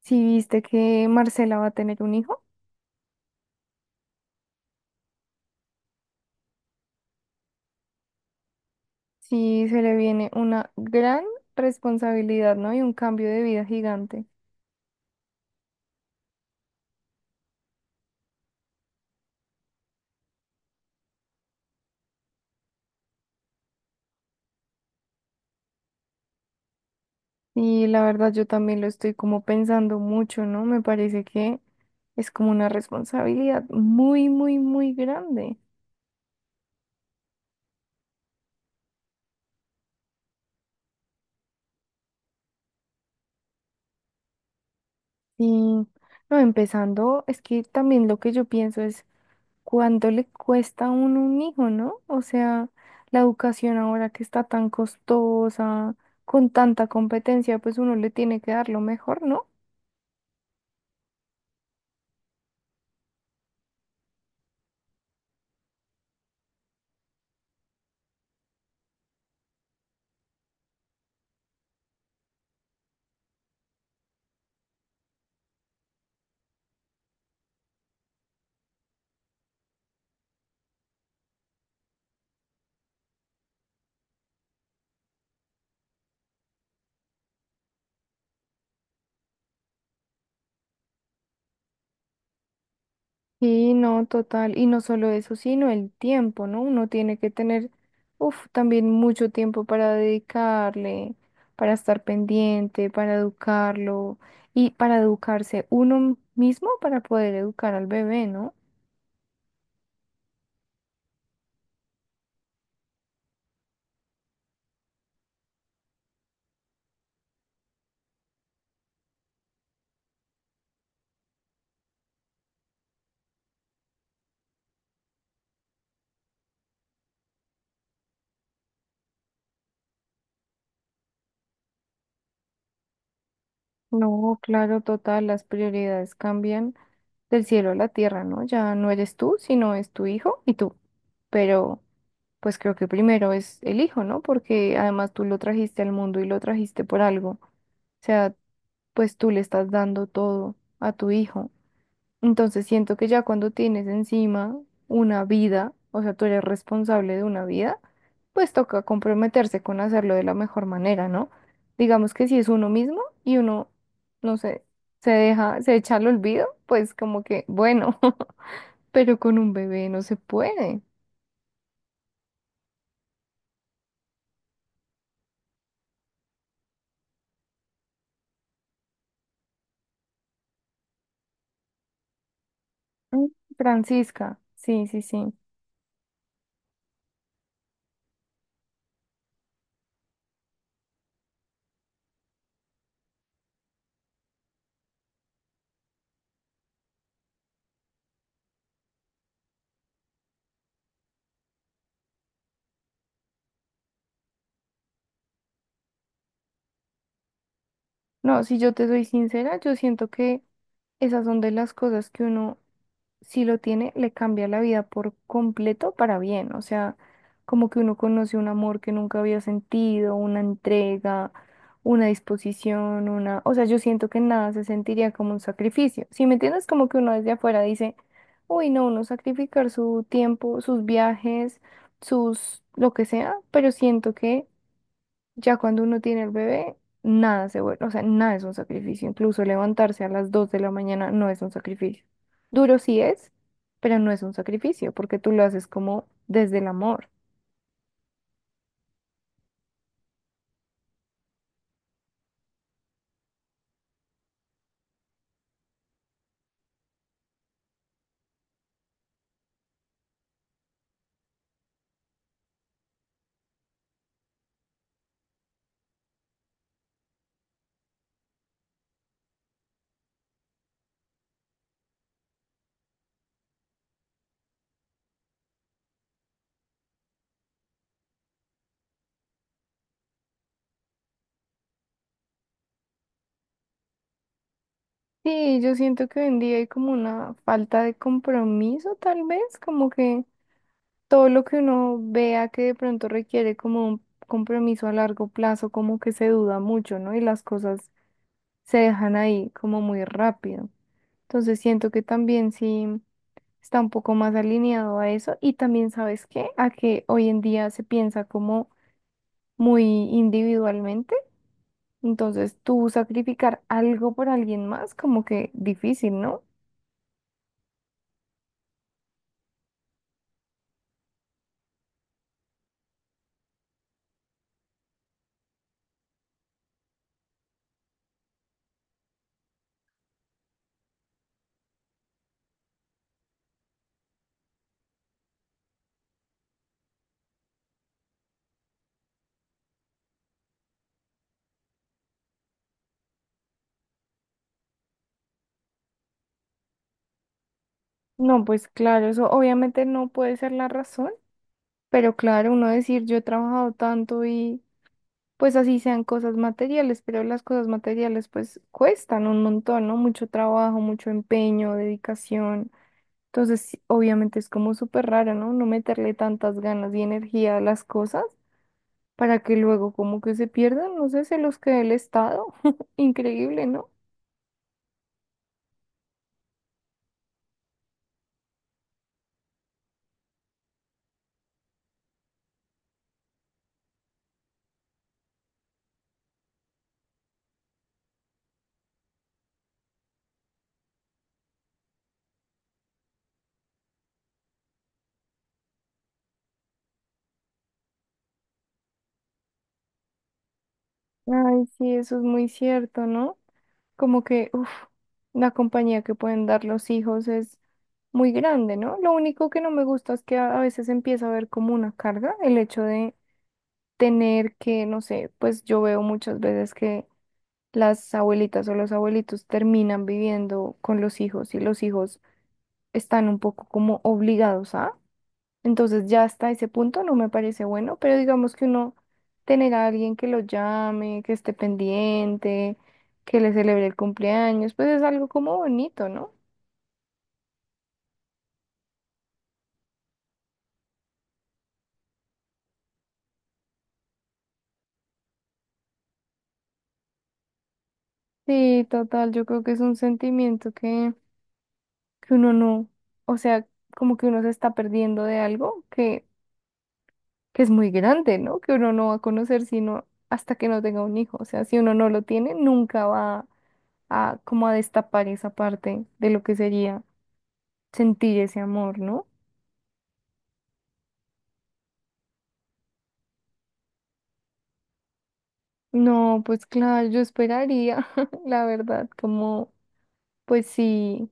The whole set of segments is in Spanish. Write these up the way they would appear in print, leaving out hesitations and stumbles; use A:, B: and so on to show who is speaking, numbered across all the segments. A: Si viste que Marcela va a tener un hijo, sí se le viene una gran responsabilidad, ¿no? Y un cambio de vida gigante. Y la verdad yo también lo estoy como pensando mucho, ¿no? Me parece que es como una responsabilidad muy, muy, muy grande. Y no, empezando, es que también lo que yo pienso es cuánto le cuesta a uno un hijo, ¿no? O sea, la educación ahora que está tan costosa, con tanta competencia, pues uno le tiene que dar lo mejor, ¿no? Y no, total, y no solo eso, sino el tiempo, ¿no? Uno tiene que tener, uff, también mucho tiempo para dedicarle, para estar pendiente, para educarlo y para educarse uno mismo para poder educar al bebé, ¿no? No, claro, total, las prioridades cambian del cielo a la tierra, ¿no? Ya no eres tú, sino es tu hijo y tú. Pero pues creo que primero es el hijo, ¿no? Porque además tú lo trajiste al mundo y lo trajiste por algo. O sea, pues tú le estás dando todo a tu hijo. Entonces siento que ya cuando tienes encima una vida, o sea, tú eres responsable de una vida, pues toca comprometerse con hacerlo de la mejor manera, ¿no? Digamos que si es uno mismo y uno, no sé, se deja, se echa al olvido, pues como que, bueno, pero con un bebé no se puede. Mm, Francisca, sí, sí, sí. No, si yo te soy sincera, yo siento que esas son de las cosas que uno si lo tiene, le cambia la vida por completo para bien. O sea, como que uno conoce un amor que nunca había sentido, una entrega, una disposición, una... O sea, yo siento que nada se sentiría como un sacrificio. Si me entiendes, como que uno desde afuera dice, uy, no, uno sacrificar su tiempo, sus viajes, sus... lo que sea, pero siento que ya cuando uno tiene el bebé, nada se vuelve, o sea, nada es un sacrificio. Incluso levantarse a las 2 de la mañana no es un sacrificio. Duro sí es, pero no es un sacrificio porque tú lo haces como desde el amor. Sí, yo siento que hoy en día hay como una falta de compromiso, tal vez, como que todo lo que uno vea que de pronto requiere como un compromiso a largo plazo, como que se duda mucho, ¿no? Y las cosas se dejan ahí como muy rápido. Entonces siento que también sí está un poco más alineado a eso y también sabes qué, a que hoy en día se piensa como muy individualmente, entonces tú sacrificar algo por alguien más como que difícil, ¿no? No, pues claro, eso obviamente no puede ser la razón, pero claro, uno decir yo he trabajado tanto y pues así sean cosas materiales, pero las cosas materiales pues cuestan un montón, ¿no? Mucho trabajo, mucho empeño, dedicación. Entonces, sí, obviamente es como súper raro, ¿no? No meterle tantas ganas y energía a las cosas para que luego como que se pierdan, no sé, se los quede el Estado. Increíble, ¿no? Ay, sí, eso es muy cierto, ¿no? Como que, uff, la compañía que pueden dar los hijos es muy grande, ¿no? Lo único que no me gusta es que a veces empieza a ver como una carga el hecho de tener que, no sé, pues yo veo muchas veces que las abuelitas o los abuelitos terminan viviendo con los hijos y los hijos están un poco como obligados a. Entonces ya hasta ese punto no me parece bueno, pero digamos que uno tener a alguien que lo llame, que esté pendiente, que le celebre el cumpleaños, pues es algo como bonito, ¿no? Sí, total, yo creo que es un sentimiento que uno no, o sea, como que uno se está perdiendo de algo que es muy grande, ¿no? Que uno no va a conocer sino hasta que no tenga un hijo. O sea, si uno no lo tiene, nunca va a como a destapar esa parte de lo que sería sentir ese amor, ¿no? No, pues claro, yo esperaría, la verdad, como, pues sí,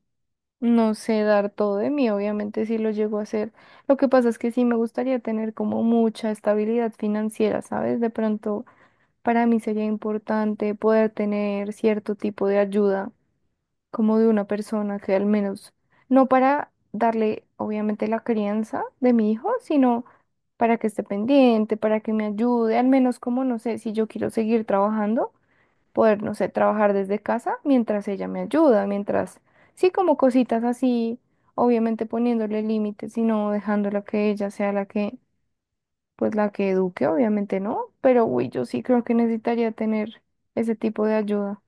A: no sé dar todo de mí, obviamente sí lo llego a hacer. Lo que pasa es que sí me gustaría tener como mucha estabilidad financiera, ¿sabes? De pronto para mí sería importante poder tener cierto tipo de ayuda como de una persona que al menos, no para darle obviamente la crianza de mi hijo, sino para que esté pendiente, para que me ayude, al menos como, no sé, si yo quiero seguir trabajando, poder, no sé, trabajar desde casa mientras ella me ayuda, mientras, sí, como cositas así, obviamente poniéndole límites y no dejándola que ella sea la que, pues la que eduque, obviamente no, pero uy, yo sí creo que necesitaría tener ese tipo de ayuda.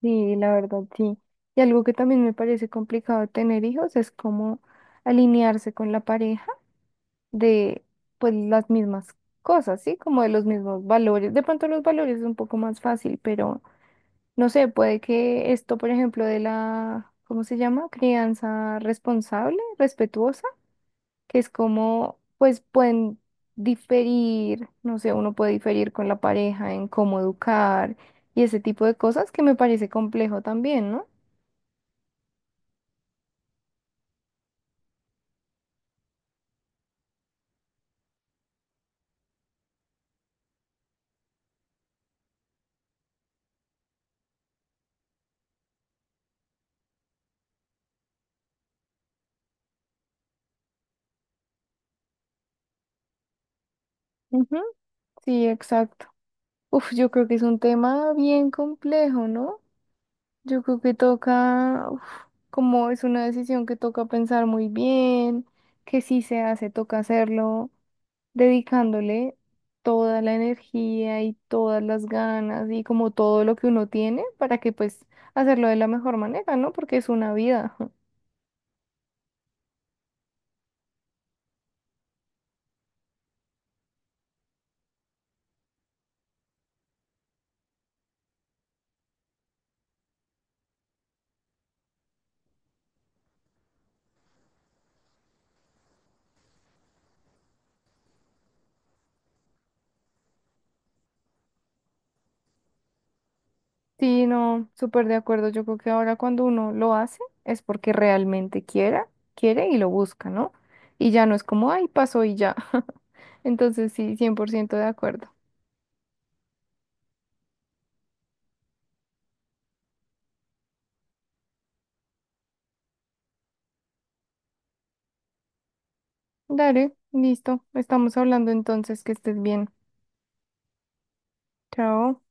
A: Sí, la verdad, sí. Y algo que también me parece complicado de tener hijos es como alinearse con la pareja de pues las mismas cosas, ¿sí? Como de los mismos valores. De pronto los valores es un poco más fácil, pero no sé, puede que esto, por ejemplo, de la, ¿cómo se llama? Crianza responsable, respetuosa, que es como, pues pueden diferir, no sé, uno puede diferir con la pareja en cómo educar y ese tipo de cosas que me parece complejo también, ¿no? Ujú, sí, exacto. Uf, yo creo que es un tema bien complejo, ¿no? Yo creo que toca, uf, como es una decisión que toca pensar muy bien, que si se hace, toca hacerlo, dedicándole toda la energía y todas las ganas y como todo lo que uno tiene para que pues hacerlo de la mejor manera, ¿no? Porque es una vida. Sí, no, súper de acuerdo. Yo creo que ahora cuando uno lo hace es porque realmente quiera, quiere y lo busca, ¿no? Y ya no es como, ay, pasó y ya. Entonces sí, 100% de acuerdo. Dale, listo. Estamos hablando entonces, que estés bien. Chao.